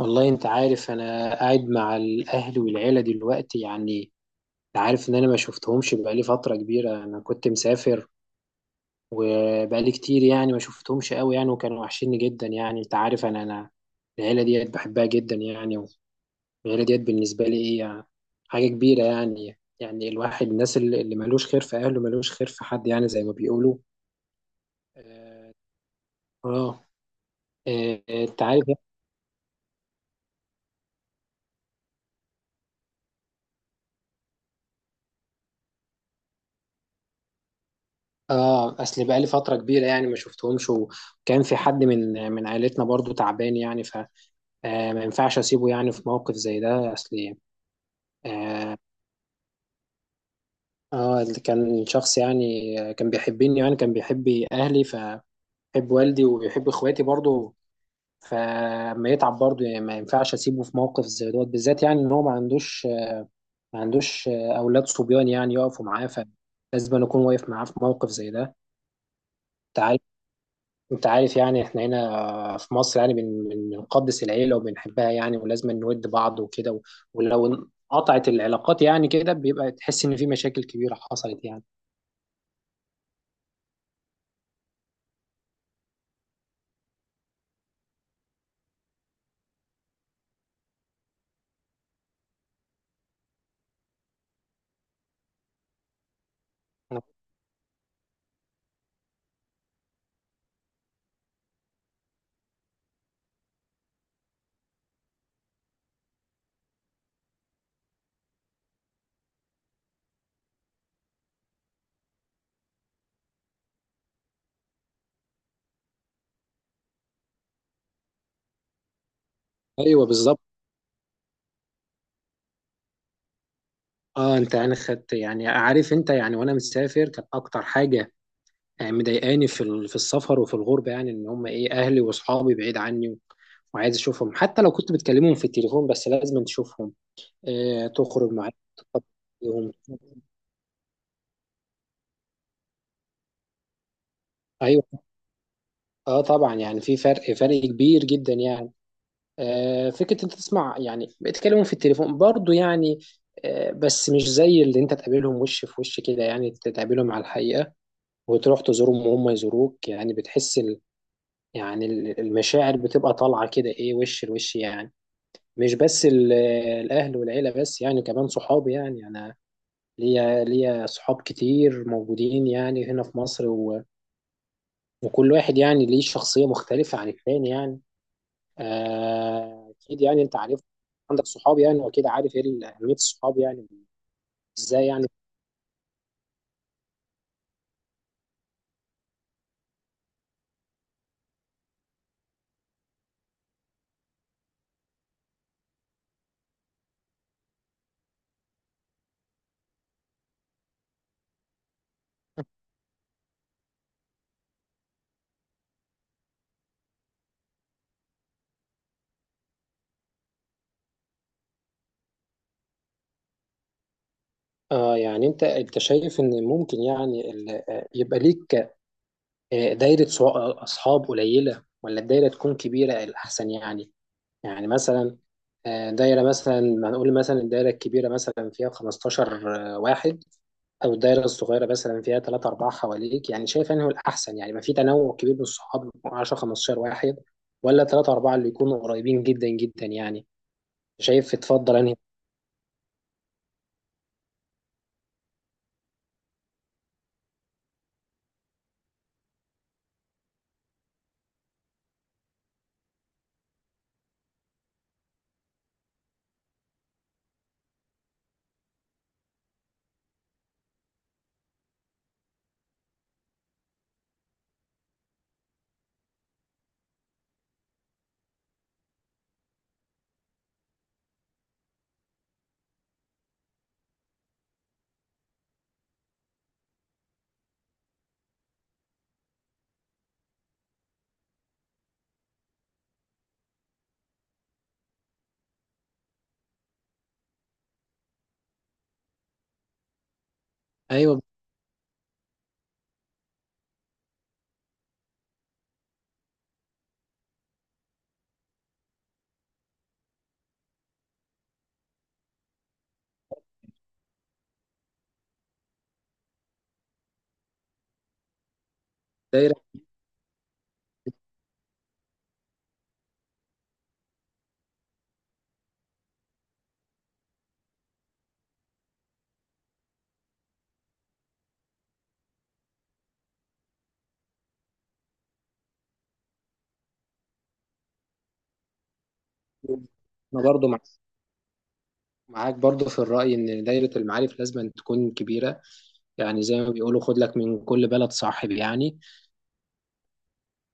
والله، انت عارف، انا قاعد مع الاهل والعيله دلوقتي يعني. انت عارف ان انا ما شفتهمش بقالي فتره كبيره. انا كنت مسافر وبقالي كتير يعني، ما شفتهمش قوي يعني، وكانوا وحشيني جدا يعني. انت عارف، انا العيله ديت بحبها جدا يعني. والعيله ديت بالنسبه لي ايه يعني؟ حاجه كبيره يعني الواحد، الناس اللي ملوش خير في اهله ملوش خير في حد، يعني زي ما بيقولوا. اه. آه. آه. انت عارف. اه، اصل بقالي فتره كبيره يعني ما شفتهمش. وكان في حد من عائلتنا برضو تعبان يعني، فما ينفعش اسيبه يعني في موقف زي ده، اصل. اه. اللي كان شخص يعني، كان بيحبني يعني. كان بيحب اهلي، فبيحب والدي وبيحب اخواتي برضو. فما يتعب برضو يعني، ما ينفعش اسيبه في موقف زي دوت بالذات يعني. ان هو ما عندوش اولاد صبيان يعني يقفوا معاه. فلازم أنا اكون واقف معاه في موقف زي ده. انت عارف يعني، احنا هنا في مصر يعني بنقدس العيله وبنحبها يعني، ولازم نود بعض وكده. ولو انقطعت العلاقات يعني، كده بيبقى تحس ان في مشاكل كبيره حصلت يعني. ايوه بالظبط. اه، انت يعني خدت يعني. عارف انت، يعني وانا مسافر كان اكتر حاجه يعني مضايقاني في في السفر وفي الغربه يعني، ان هم ايه، اهلي واصحابي بعيد عني وعايز اشوفهم. حتى لو كنت بتكلمهم في التليفون، بس لازم تشوفهم، آه، تخرج معاهم تقضي يوم. ايوه. اه طبعا يعني، في فرق كبير جدا يعني. آه، فكره، انت تسمع يعني، بيتكلموا في التليفون برضو يعني، آه، بس مش زي اللي انت تقابلهم وش في وش كده يعني. تقابلهم على الحقيقه وتروح تزورهم وهم يزوروك يعني. بتحس يعني المشاعر بتبقى طالعه كده، ايه، وش لوش يعني. مش بس الاهل والعيله، بس يعني كمان صحابي يعني. انا ليا صحاب كتير موجودين يعني هنا في مصر، وكل واحد يعني ليه شخصيه مختلفه عن التاني يعني. آه، اكيد يعني انت عارف، عندك صحاب يعني، واكيد عارف ايه اهميه الصحاب يعني. ازاي يعني؟ آه يعني، انت شايف ان ممكن يعني يبقى ليك دايره اصحاب قليله، ولا الدايره تكون كبيره الاحسن يعني؟ يعني مثلا، دايره مثلا، هنقول مثلا الدايره الكبيره مثلا فيها 15 واحد، او الدايره الصغيره مثلا فيها ثلاثة أربعة حواليك. يعني شايف انه الأحسن يعني يبقى في تنوع كبير من الصحاب، 10 15 واحد، ولا ثلاثة أربعة اللي يكونوا قريبين جدا جدا يعني؟ شايف تفضل انهي؟ ايوه. دايره. انا برضو معاك برضو في الرأي ان دايرة المعارف لازم تكون كبيرة. يعني زي ما بيقولوا خد لك من كل بلد صاحب يعني.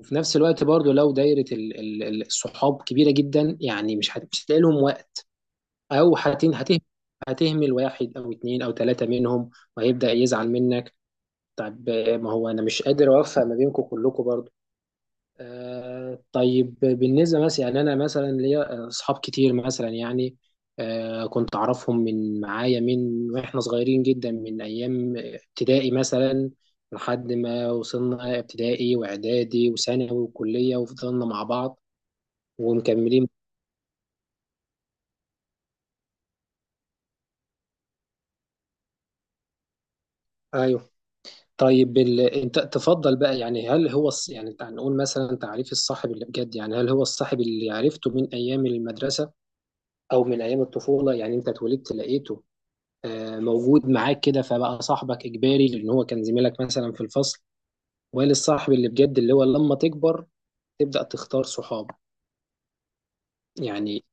وفي نفس الوقت برضو، لو دايرة الصحاب كبيرة جدا يعني، مش هتلاقي لهم، او هتهمل واحد او اتنين او تلاتة منهم، وهيبدأ يزعل منك. طب، ما هو انا مش قادر اوفق ما بينكم كلكم برضه. طيب بالنسبة مثلا يعني، انا مثلا ليا اصحاب كتير مثلا يعني. كنت اعرفهم من معايا من واحنا صغيرين جدا، من ايام ابتدائي مثلا، لحد ما وصلنا ابتدائي واعدادي وثانوي وكلية وفضلنا مع بعض ومكملين. ايوه. طيب انت تفضل بقى يعني. يعني تعال نقول مثلا تعريف الصاحب اللي بجد يعني. هل هو الصاحب اللي عرفته من ايام المدرسه، او من ايام الطفوله، يعني انت اتولدت لقيته موجود معاك كده، فبقى صاحبك اجباري لان هو كان زميلك مثلا في الفصل؟ ولا الصاحب اللي بجد اللي هو لما تكبر تبدا تختار صحاب يعني؟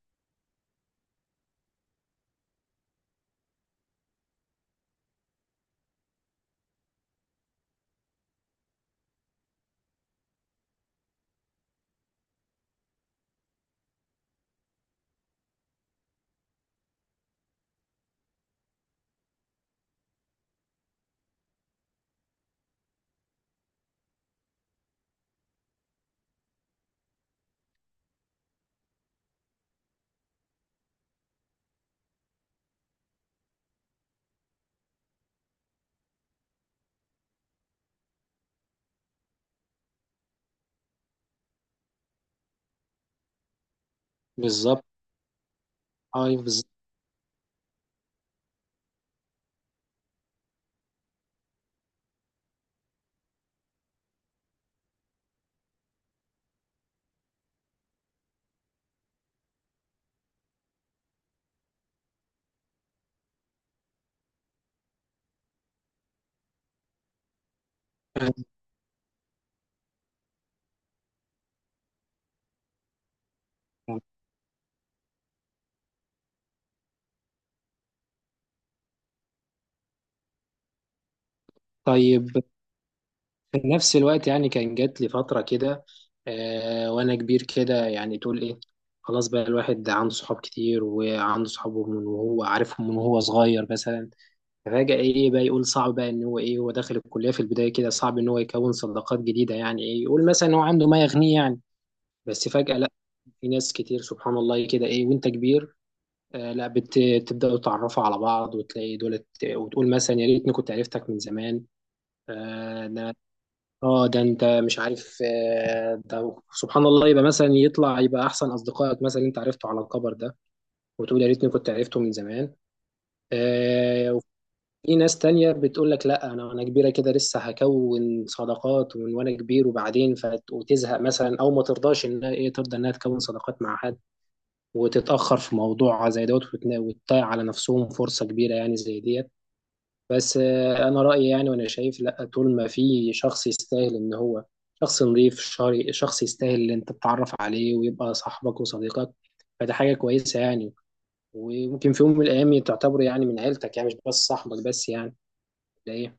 بالظبط. اي بالظبط. طيب، في نفس الوقت يعني، كان جات لي فترة كده وأنا كبير كده، يعني تقول إيه، خلاص بقى الواحد عنده صحاب كتير وعنده صحابه من وهو عارفهم من وهو صغير مثلا. فجأة إيه بقى يقول، صعب بقى إن هو إيه، هو داخل الكلية في البداية كده، صعب إن هو يكون صداقات جديدة. يعني إيه يقول مثلا، هو عنده ما يغنيه يعني. بس فجأة لا، في ناس كتير سبحان الله كده إيه وأنت كبير، لا، بتبدأوا تعرفوا على بعض وتلاقي دولت، وتقول مثلا يا ريتني كنت عرفتك من زمان. اه. ده انت مش عارف، ده سبحان الله يبقى مثلا يطلع يبقى احسن اصدقائك مثلا انت عرفته على الكبر ده. وتقول يا ريتني كنت عرفته من زمان. آه، وفي ناس تانية بتقول لك لا، انا كبيره كده لسه هكون صداقات، ومن وانا كبير وبعدين وتزهق مثلا، او ما ترضاش انها ايه، ترضى انها تكون صداقات مع حد. وتتاخر في موضوع زي دوت، وتضيع على نفسهم فرصه كبيره يعني زي ديت. بس انا رايي يعني، وانا شايف لا، طول ما في شخص يستاهل ان هو شخص نظيف، شخص يستاهل ان انت تتعرف عليه ويبقى صاحبك وصديقك، فده حاجه كويسه يعني. وممكن في يوم من الايام تعتبره يعني من عيلتك يعني، مش بس صاحبك بس يعني. ده ايه.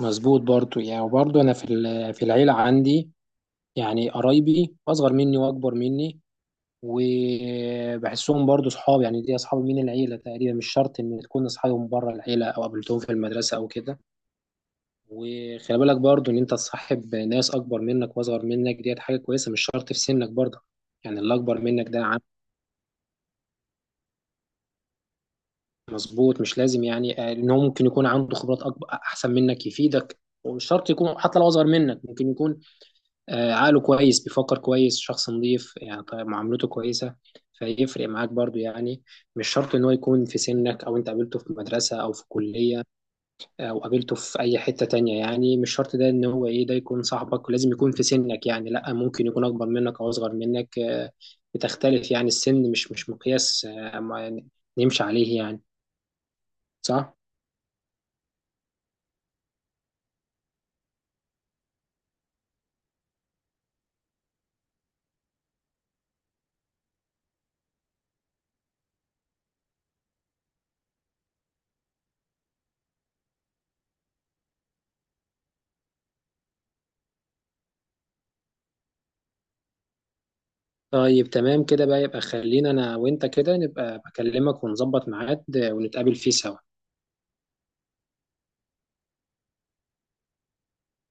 مظبوط. برضو يعني، وبرضو انا في في العيله عندي يعني قرايبي اصغر مني واكبر مني، وبحسهم برضو صحاب يعني. دي اصحاب من العيله تقريبا، مش شرط ان تكون اصحابهم بره العيله او قابلتهم في المدرسه او كده. وخلي بالك برضو، ان انت تصاحب ناس اكبر منك واصغر منك، ديت حاجه كويسه، مش شرط في سنك برضه. يعني اللي اكبر منك ده عم. مظبوط، مش لازم يعني. ان هو ممكن يكون عنده خبرات اكبر احسن منك يفيدك، ومش شرط يكون. حتى لو اصغر منك ممكن يكون عقله كويس، بيفكر كويس، شخص نظيف يعني، طيب، معاملته كويسه، فيفرق معاك برضو يعني. مش شرط ان هو يكون في سنك او انت قابلته في مدرسه او في كليه، وقابلته في اي حتة تانية يعني. مش شرط ده ان هو ايه، ده يكون صاحبك لازم يكون في سنك يعني. لا، ممكن يكون اكبر منك او اصغر منك. بتختلف يعني السن، مش مقياس ما يعني نمشي عليه يعني. صح. طيب تمام كده بقى. يبقى خلينا انا وانت كده نبقى بكلمك ونظبط ميعاد، ونتقابل فيه سوا.